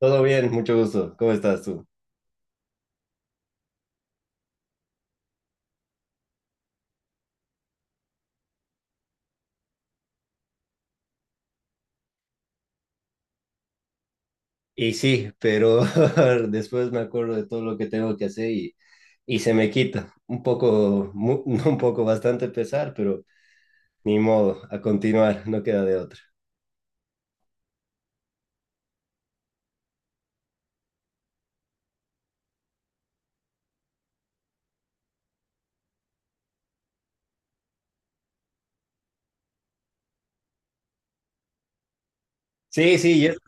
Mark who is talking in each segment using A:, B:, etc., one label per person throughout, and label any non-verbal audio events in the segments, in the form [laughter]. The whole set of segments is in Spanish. A: Todo bien, mucho gusto. ¿Cómo estás tú? Y sí, pero [laughs] después me acuerdo de todo lo que tengo que hacer y se me quita. Un poco, [laughs] no un poco, bastante pesar, pero ni modo, a continuar, no queda de otra. Sí, sí,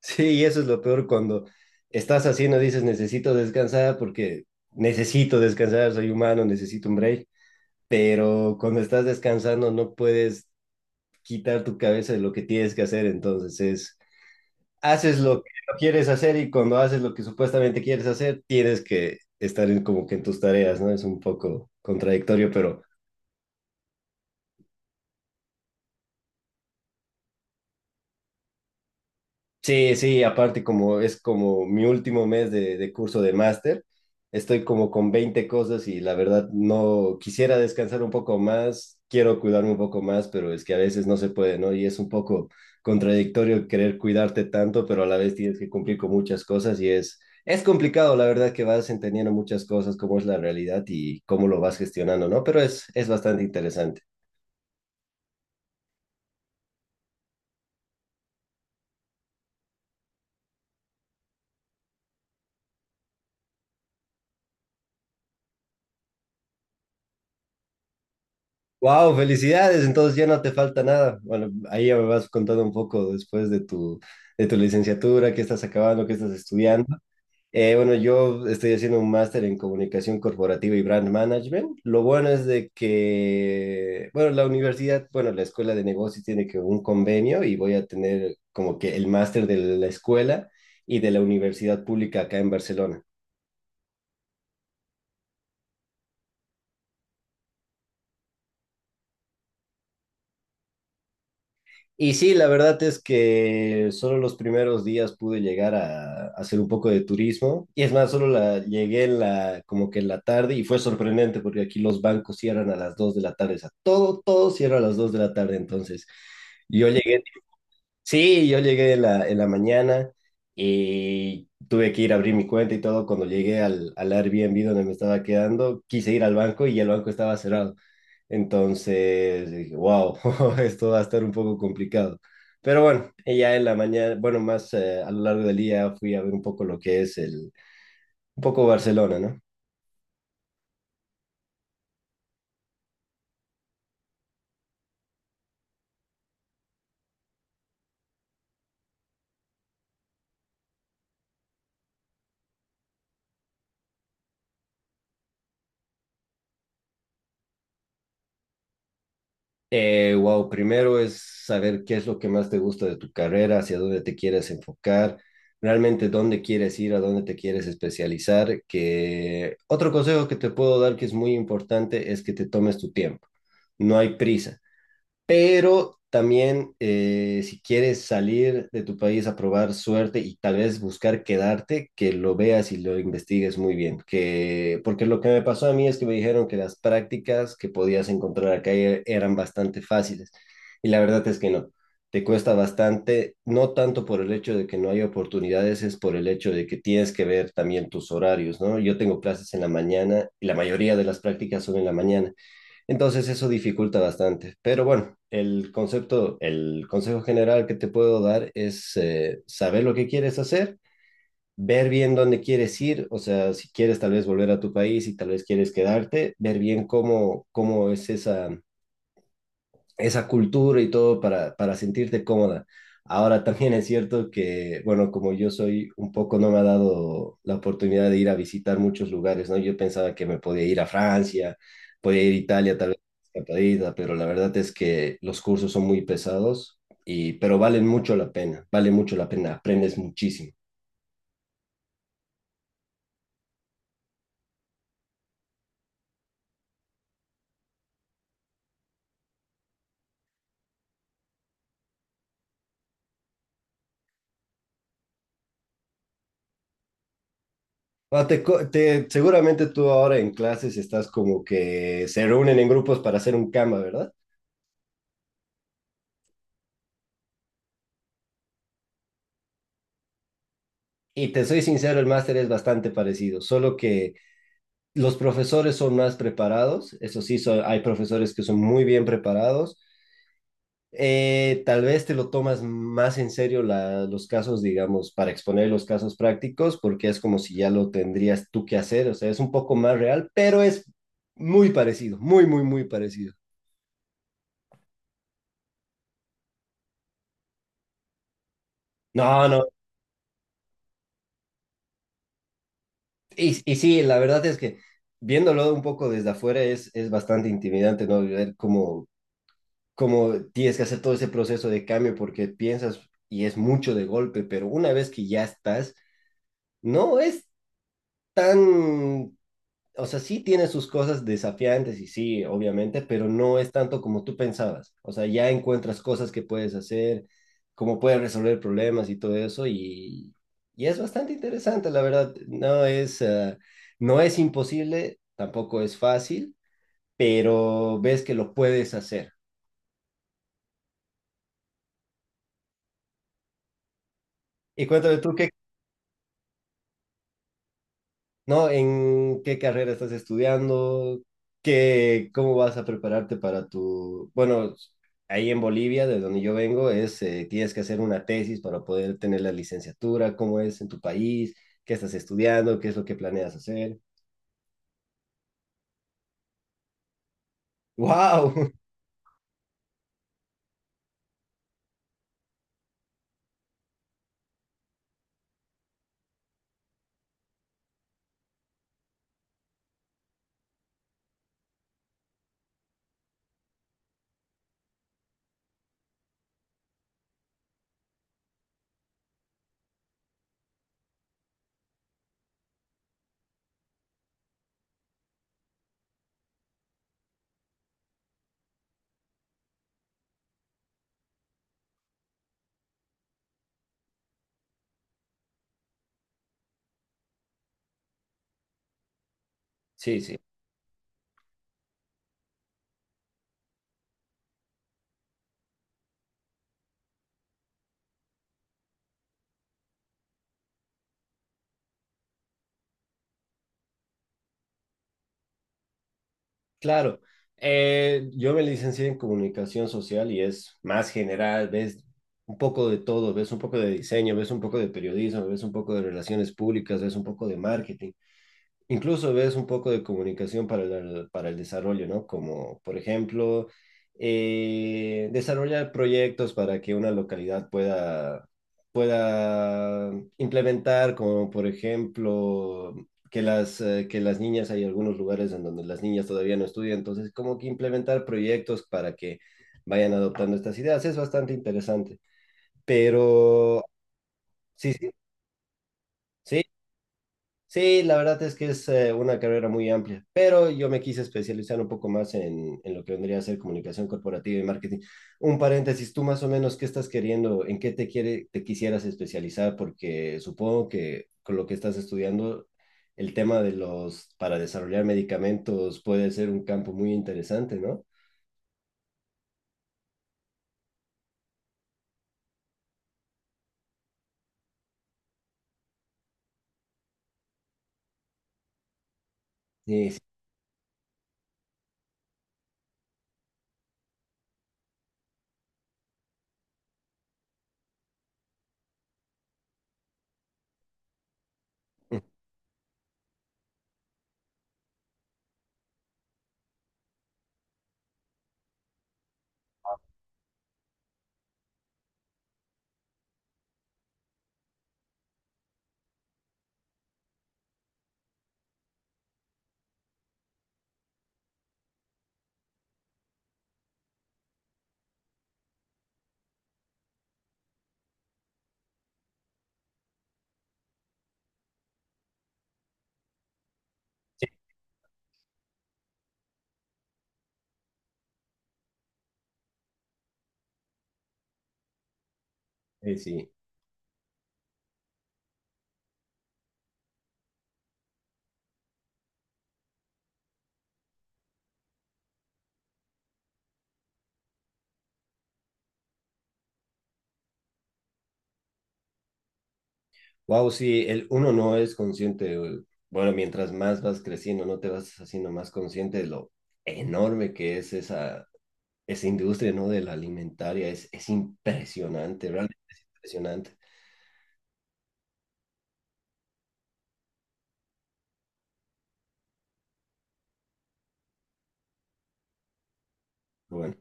A: sí, y eso es lo peor cuando estás haciendo, dices, necesito descansar porque necesito descansar, soy humano, necesito un break, pero cuando estás descansando no puedes quitar tu cabeza de lo que tienes que hacer, entonces es haces lo que no quieres hacer y cuando haces lo que supuestamente quieres hacer, tienes que estar en, como que en tus tareas, ¿no? Es un poco contradictorio, pero sí, sí, aparte como es como mi último mes de curso de máster, estoy como con 20 cosas y la verdad no quisiera descansar un poco más, quiero cuidarme un poco más, pero es que a veces no se puede, ¿no? Y es un poco contradictorio querer cuidarte tanto, pero a la vez tienes que cumplir con muchas cosas y es complicado, la verdad que vas entendiendo muchas cosas, cómo es la realidad y cómo lo vas gestionando, ¿no? Pero es bastante interesante. Wow, felicidades. Entonces ya no te falta nada. Bueno, ahí ya me vas contando un poco después de tu licenciatura, qué estás acabando, qué estás estudiando. Bueno, yo estoy haciendo un máster en comunicación corporativa y brand management. Lo bueno es de que, bueno, la universidad, bueno, la escuela de negocios tiene que un convenio y voy a tener como que el máster de la escuela y de la universidad pública acá en Barcelona. Y sí, la verdad es que solo los primeros días pude llegar a hacer un poco de turismo. Y es más, solo la, llegué en la, como que en la tarde y fue sorprendente porque aquí los bancos cierran a las 2 de la tarde. O sea, todo, todo cierra a las 2 de la tarde. Entonces, yo llegué sí, yo llegué en la mañana y tuve que ir a abrir mi cuenta y todo. Cuando llegué al, al Airbnb donde me estaba quedando, quise ir al banco y el banco estaba cerrado. Entonces dije, wow, [laughs] esto va a estar un poco complicado. Pero bueno, y ya en la mañana, bueno, más a lo largo del día fui a ver un poco lo que es el, un poco Barcelona, ¿no? Wow, primero es saber qué es lo que más te gusta de tu carrera, hacia dónde te quieres enfocar, realmente dónde quieres ir, a dónde te quieres especializar. Que otro consejo que te puedo dar que es muy importante es que te tomes tu tiempo. No hay prisa. Pero también si quieres salir de tu país a probar suerte y tal vez buscar quedarte, que lo veas y lo investigues muy bien. Que, porque lo que me pasó a mí es que me dijeron que las prácticas que podías encontrar acá eran bastante fáciles. Y la verdad es que no. Te cuesta bastante, no tanto por el hecho de que no hay oportunidades, es por el hecho de que tienes que ver también tus horarios, ¿no? Yo tengo clases en la mañana y la mayoría de las prácticas son en la mañana. Entonces eso dificulta bastante. Pero bueno, el concepto, el consejo general que te puedo dar es saber lo que quieres hacer, ver bien dónde quieres ir, o sea, si quieres tal vez volver a tu país y tal vez quieres quedarte, ver bien cómo, cómo es esa, esa cultura y todo para sentirte cómoda. Ahora también es cierto que, bueno, como yo soy un poco, no me ha dado la oportunidad de ir a visitar muchos lugares, ¿no? Yo pensaba que me podía ir a Francia, podía ir a Italia, tal vez, escapadita, pero la verdad es que los cursos son muy pesados, y, pero valen mucho la pena, vale mucho la pena, aprendes muchísimo. Bueno, seguramente tú ahora en clases estás como que se reúnen en grupos para hacer un cama, ¿verdad? Y te soy sincero, el máster es bastante parecido, solo que los profesores son más preparados, eso sí, hay profesores que son muy bien preparados. Tal vez te lo tomas más en serio los casos, digamos, para exponer los casos prácticos, porque es como si ya lo tendrías tú que hacer, o sea, es un poco más real, pero es muy parecido, muy, muy, muy parecido. No, no, y sí, la verdad es que viéndolo un poco desde afuera es bastante intimidante, ¿no? Ver cómo como tienes que hacer todo ese proceso de cambio porque piensas y es mucho de golpe, pero una vez que ya estás, no es tan, o sea, sí tiene sus cosas desafiantes y sí, obviamente, pero no es tanto como tú pensabas. O sea, ya encuentras cosas que puedes hacer, cómo puedes resolver problemas y todo eso y es bastante interesante, la verdad. No es, no es imposible, tampoco es fácil, pero ves que lo puedes hacer. Y cuéntame tú, ¿qué ¿no? ¿En qué carrera estás estudiando? ¿Qué, cómo vas a prepararte para tu... Bueno, ahí en Bolivia, de donde yo vengo, es, tienes que hacer una tesis para poder tener la licenciatura, cómo es en tu país, qué estás estudiando, qué es lo que planeas hacer. ¡Wow! [laughs] Sí, sí, claro. Yo me licencié en comunicación social y es más general, ves un poco de todo, ves un poco de diseño, ves un poco de periodismo, ves un poco de relaciones públicas, ves un poco de marketing. Incluso ves un poco de comunicación para el desarrollo, ¿no? Como, por ejemplo, desarrollar proyectos para que una localidad pueda implementar, como por ejemplo, que las niñas, hay algunos lugares en donde las niñas todavía no estudian, entonces como que implementar proyectos para que vayan adoptando estas ideas, es bastante interesante. Pero, sí, sí, sí, sí, la verdad es que es una carrera muy amplia, pero yo me quise especializar un poco más en lo que vendría a ser comunicación corporativa y marketing. Un paréntesis, tú más o menos, ¿qué estás queriendo? ¿En qué te quiere, te quisieras especializar? Porque supongo que con lo que estás estudiando, el tema de los, para desarrollar medicamentos puede ser un campo muy interesante, ¿no? Sí, sí, [laughs] sí. Sí. Wow, sí, el, uno no es consciente. Güey. Bueno, mientras más vas creciendo, no te vas haciendo más consciente de lo enorme que es esa, esa industria, ¿no? De la alimentaria. Es impresionante, realmente es impresionante. Bueno.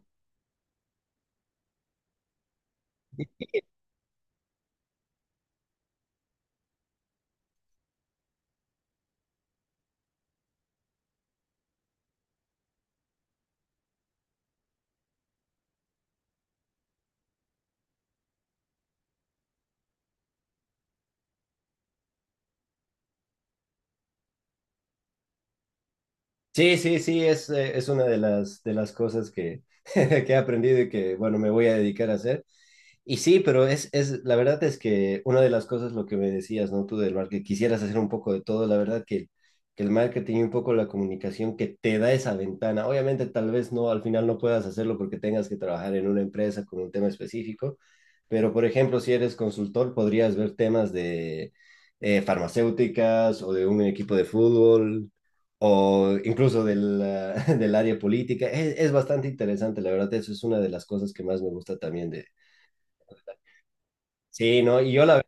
A: Sí, sí, sí, es una de las cosas que, [laughs] que he aprendido y que, bueno, me voy a dedicar a hacer. Y sí, pero es, la verdad es que una de las cosas, lo que me decías, ¿no? Tú del mar, que quisieras hacer un poco de todo, la verdad que el marketing y un poco la comunicación que te da esa ventana. Obviamente, tal vez no, al final no puedas hacerlo porque tengas que trabajar en una empresa con un tema específico, pero por ejemplo, si eres consultor, podrías ver temas de farmacéuticas o de un equipo de fútbol, o incluso del, ah, [laughs] del área política. Es bastante interesante, la verdad, eso es una de las cosas que más me gusta también de... Sí, no, y yo la...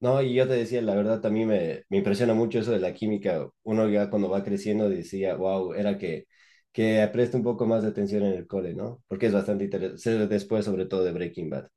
A: No, y yo te decía, la verdad, también me impresiona mucho eso de la química. Uno ya cuando va creciendo decía, wow, era que preste un poco más de atención en el cole, ¿no? Porque es bastante interesante, después sobre todo de Breaking Bad.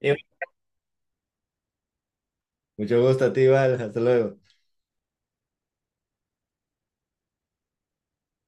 A: Y bueno, mucho gusto a ti, Val, hasta luego.